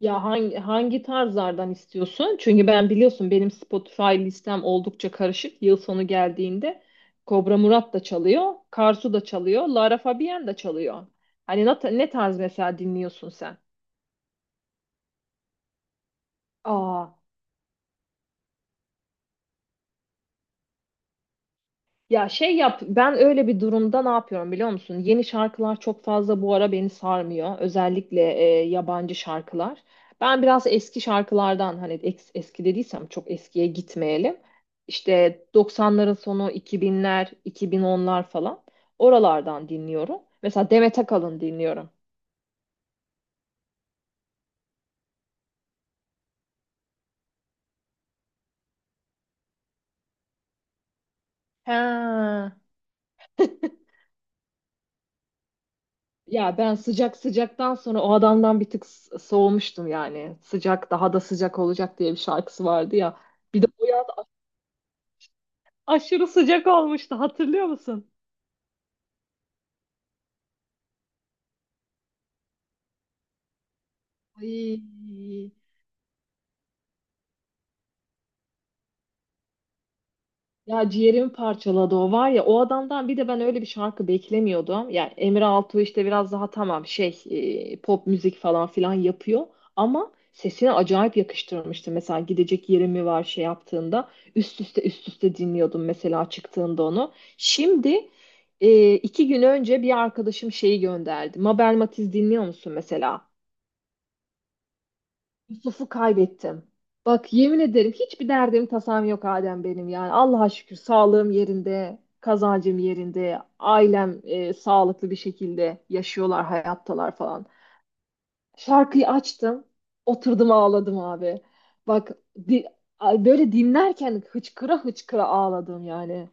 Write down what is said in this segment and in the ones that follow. Ya hangi tarzlardan istiyorsun? Çünkü ben biliyorsun benim Spotify listem oldukça karışık. Yıl sonu geldiğinde Kobra Murat da çalıyor, Karsu da çalıyor, Lara Fabian da çalıyor. Hani ne tarz mesela dinliyorsun sen? Aa. Ya şey yap, ben öyle bir durumda ne yapıyorum biliyor musun? Yeni şarkılar çok fazla bu ara beni sarmıyor. Özellikle yabancı şarkılar. Ben biraz eski şarkılardan hani eski dediysem çok eskiye gitmeyelim. İşte 90'ların sonu 2000'ler, 2010'lar falan. Oralardan dinliyorum. Mesela Demet Akalın dinliyorum. Ha. Ya ben sıcak sıcaktan sonra o adamdan bir tık soğumuştum yani. Sıcak daha da sıcak olacak diye bir şarkısı vardı ya. Bir de o aşırı sıcak olmuştu, hatırlıyor musun? Ay, ya ciğerimi parçaladı o, var ya o adamdan bir de ben öyle bir şarkı beklemiyordum. Ya Emre Altuğ işte biraz daha tamam, şey pop müzik falan filan yapıyor ama sesine acayip yakıştırmıştı. Mesela gidecek yerim mi var şey yaptığında üst üste üst üste dinliyordum mesela çıktığında onu. Şimdi iki gün önce bir arkadaşım şeyi gönderdi. Mabel Matiz dinliyor musun mesela? Yusuf'u kaybettim. Bak yemin ederim, hiçbir derdim tasam yok Adem benim yani. Allah'a şükür sağlığım yerinde, kazancım yerinde, ailem sağlıklı bir şekilde yaşıyorlar, hayattalar falan. Şarkıyı açtım, oturdum, ağladım abi. Bak di- ay, böyle dinlerken hıçkıra hıçkıra ağladım yani.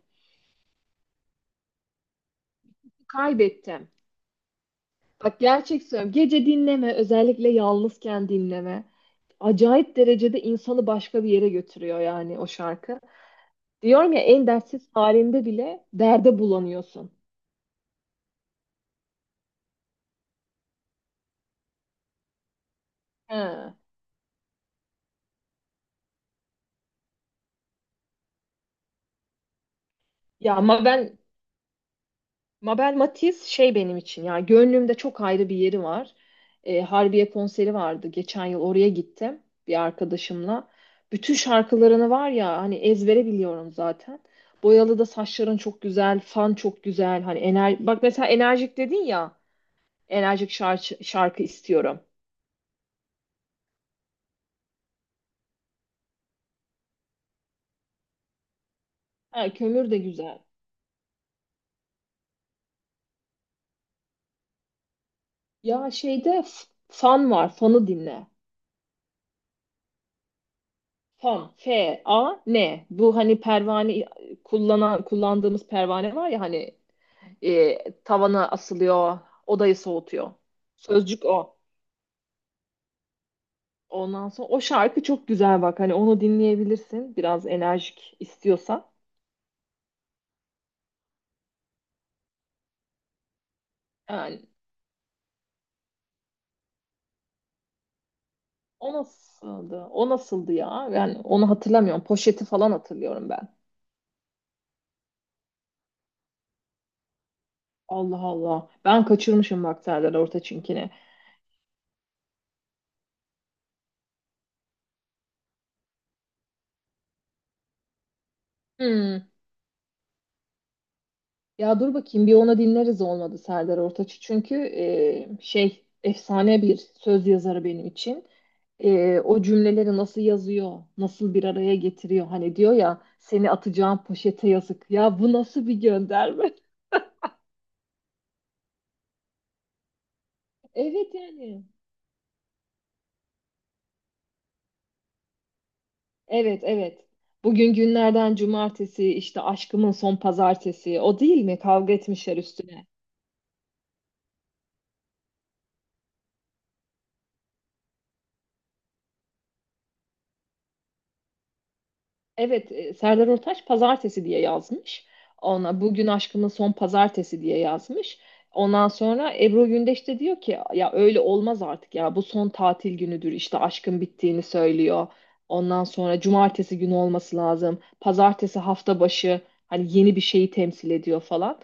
Kaybettim. Bak gerçek söylüyorum. Gece dinleme, özellikle yalnızken dinleme. Acayip derecede insanı başka bir yere götürüyor yani o şarkı. Diyorum ya, en dertsiz halinde bile derde bulanıyorsun. Ha. Ya Mabel, Matiz şey benim için, ya gönlümde çok ayrı bir yeri var. Harbiye konseri vardı geçen yıl, oraya gittim bir arkadaşımla. Bütün şarkılarını var ya, hani ezbere biliyorum zaten. Boyalı da Saçların çok güzel, Fan çok güzel. Hani bak mesela enerjik dedin ya, enerjik şarkı istiyorum. Ha, Kömür de güzel. Ya şeyde Fan var, Fan'ı dinle. Fan, F-A-N. Bu hani pervane, kullandığımız pervane var ya, hani e, tavana asılıyor, odayı soğutuyor. Sözcük o. Ondan sonra o şarkı çok güzel bak. Hani onu dinleyebilirsin, biraz enerjik istiyorsan. Yani o nasıldı? O nasıldı ya? Yani onu hatırlamıyorum. Poşet'i falan hatırlıyorum ben. Allah Allah. Ben kaçırmışım bak Serdar Ortaç'ınkini. Hmm. Ya dur bakayım bir, ona dinleriz olmadı Serdar Ortaç'ı. Çünkü şey, efsane bir söz yazarı benim için. O cümleleri nasıl yazıyor, nasıl bir araya getiriyor. Hani diyor ya, seni atacağım poşete yazık. Ya bu nasıl bir gönderme? Evet yani. Evet, evet. Bugün günlerden cumartesi, işte aşkımın son pazartesi. O değil mi? Kavga etmişler üstüne. Evet, Serdar Ortaç pazartesi diye yazmış. Ona bugün aşkımın son pazartesi diye yazmış. Ondan sonra Ebru Gündeş de diyor ki, ya öyle olmaz artık, ya bu son tatil günüdür, işte aşkın bittiğini söylüyor. Ondan sonra cumartesi günü olması lazım. Pazartesi hafta başı, hani yeni bir şeyi temsil ediyor falan.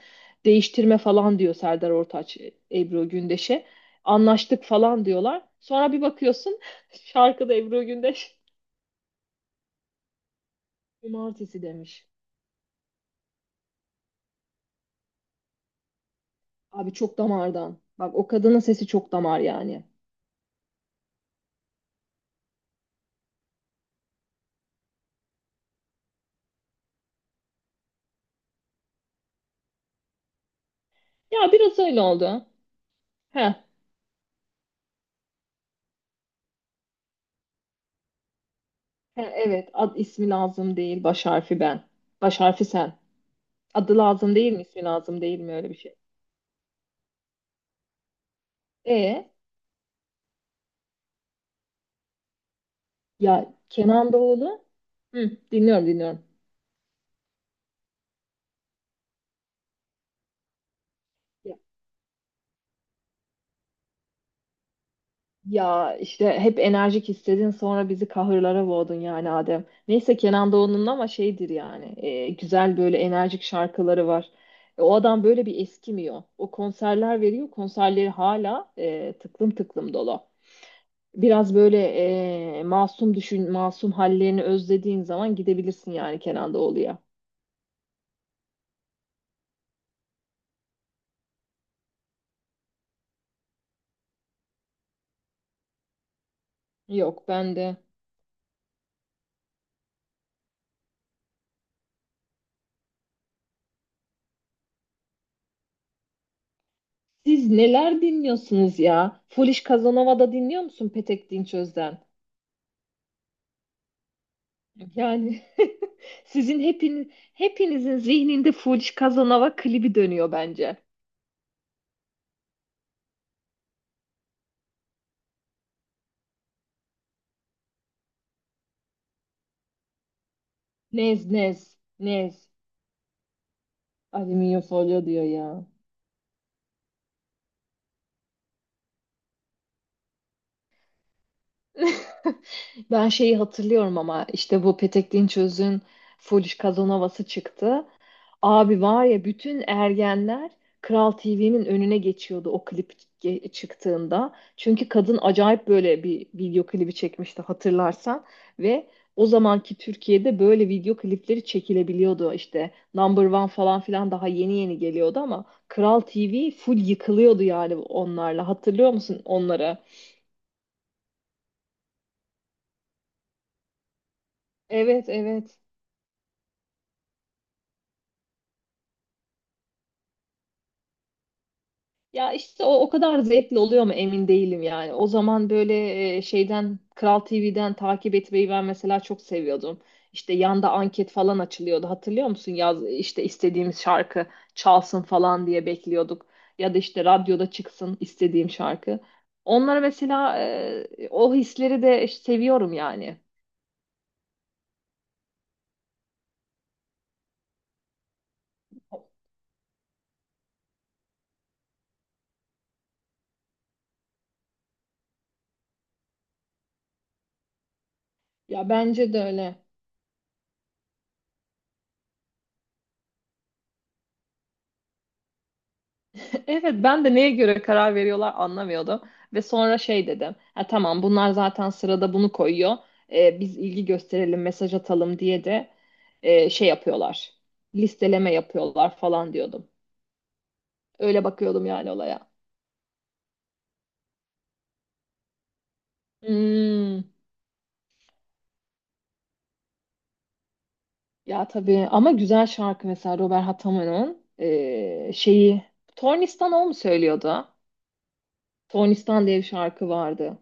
Değiştirme falan diyor Serdar Ortaç Ebru Gündeş'e. Anlaştık falan diyorlar. Sonra bir bakıyorsun şarkıda Ebru Gündeş cumartesi demiş. Abi çok damardan. Bak o kadının sesi çok damar yani. Ya biraz öyle oldu. He, he evet, ad ismi lazım değil, baş harfi ben. Baş harfi sen. Adı lazım değil mi, ismi lazım değil mi, öyle bir şey. E Ya Kenan Doğulu. Hı, dinliyorum dinliyorum. Ya işte hep enerjik istedin, sonra bizi kahırlara boğdun yani Adem. Neyse Kenan Doğulu'nun ama şeydir yani, güzel böyle enerjik şarkıları var. O adam böyle bir eskimiyor. O konserler veriyor, konserleri hala tıklım tıklım dolu. Biraz böyle masum düşün, masum hallerini özlediğin zaman gidebilirsin yani Kenan Doğulu'ya. Yok ben de. Siz neler dinliyorsunuz ya? Foolish Casanova da dinliyor musun Petek Dinçöz'den? Yani sizin hepinizin zihninde Fuji Kazanova klibi dönüyor bence. Nez nez nez. Alüminyum folyo diyor ya. Ben şeyi hatırlıyorum, ama işte bu Petek Dinçöz'ün Foolish Casanova'sı çıktı. Abi var ya, bütün ergenler Kral TV'nin önüne geçiyordu o klip çıktığında. Çünkü kadın acayip böyle bir video klibi çekmişti, hatırlarsan, ve o zamanki Türkiye'de böyle video klipleri çekilebiliyordu. İşte Number One falan filan daha yeni yeni geliyordu, ama Kral TV full yıkılıyordu yani onlarla, hatırlıyor musun onları? Evet, evet. Ya işte o kadar zevkli oluyor mu emin değilim yani. O zaman böyle şeyden, Kral TV'den takip etmeyi ben mesela çok seviyordum. İşte yanda anket falan açılıyordu. Hatırlıyor musun? Yaz, işte istediğimiz şarkı çalsın falan diye bekliyorduk. Ya da işte radyoda çıksın istediğim şarkı. Onları mesela, o hisleri de seviyorum yani. Ya bence de öyle. Evet ben de neye göre karar veriyorlar anlamıyordum. Ve sonra şey dedim. Ha, tamam, bunlar zaten sırada bunu koyuyor. Biz ilgi gösterelim, mesaj atalım diye de şey yapıyorlar. Listeleme yapıyorlar falan diyordum. Öyle bakıyordum yani olaya. Hmm, ya tabii, ama güzel şarkı mesela Robert Hatamo'nun şeyi. Tornistan o mu söylüyordu? Tornistan diye bir şarkı vardı.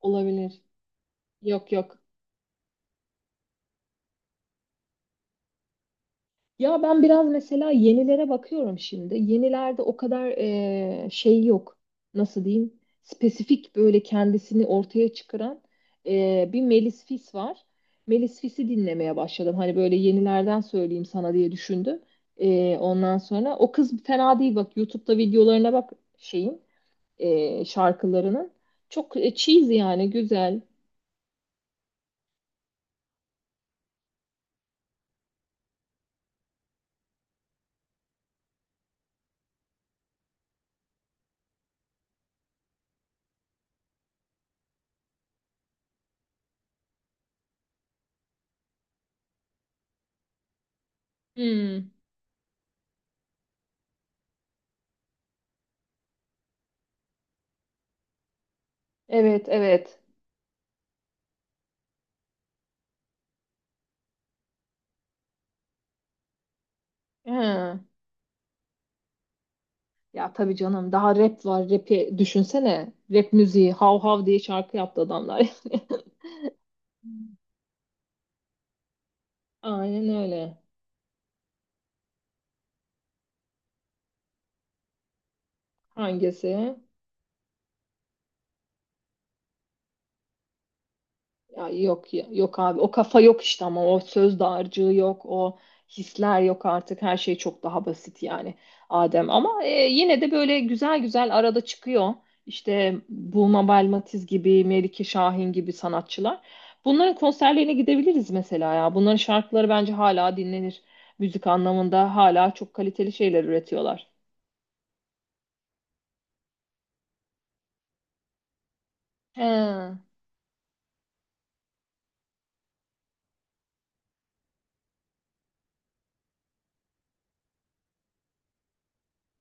Olabilir. Yok, yok. Ya ben biraz mesela yenilere bakıyorum şimdi. Yenilerde o kadar şey yok. Nasıl diyeyim? Spesifik böyle kendisini ortaya çıkaran bir Melis Fis var. Melis Fis'i dinlemeye başladım. Hani böyle yenilerden söyleyeyim sana diye düşündüm. Ondan sonra o kız fena değil bak. YouTube'da videolarına bak şeyin, şarkılarının. Çok cheesy yani, güzel. Hmm, evet, evet. Ha. Ya tabii canım, daha rap var, rap'i düşünsene. Rap müziği hav hav diye şarkı yaptı adamlar. Aynen öyle. Hangisi? Ya yok yok abi, o kafa yok işte, ama o söz dağarcığı yok, o hisler yok artık, her şey çok daha basit yani Adem, ama yine de böyle güzel güzel arada çıkıyor, işte Bulma Belmatiz gibi, Melike Şahin gibi sanatçılar, bunların konserlerine gidebiliriz mesela, ya bunların şarkıları bence hala dinlenir, müzik anlamında hala çok kaliteli şeyler üretiyorlar. He,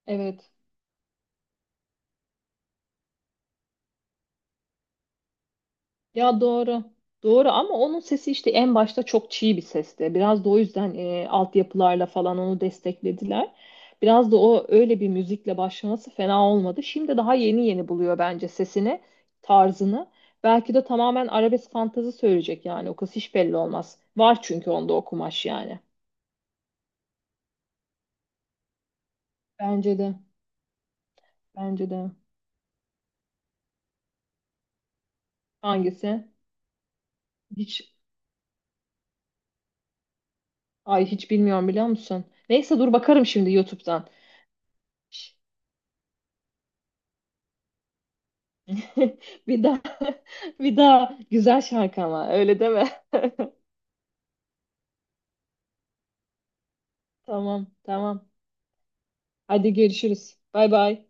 evet. Ya doğru. Doğru, ama onun sesi işte en başta çok çiğ bir sesti. Biraz da o yüzden altyapılarla falan onu desteklediler. Biraz da o öyle bir müzikle başlaması fena olmadı. Şimdi daha yeni yeni buluyor bence sesini, tarzını. Belki de tamamen arabesk fantezi söyleyecek yani. O kız hiç belli olmaz. Var çünkü onda o kumaş yani. Bence de. Bence de. Hangisi? Hiç, ay, hiç bilmiyorum biliyor musun? Neyse dur bakarım şimdi YouTube'dan. Bir daha bir daha, güzel şarkı ama öyle deme. Tamam, tamam. Hadi görüşürüz. Bay bay.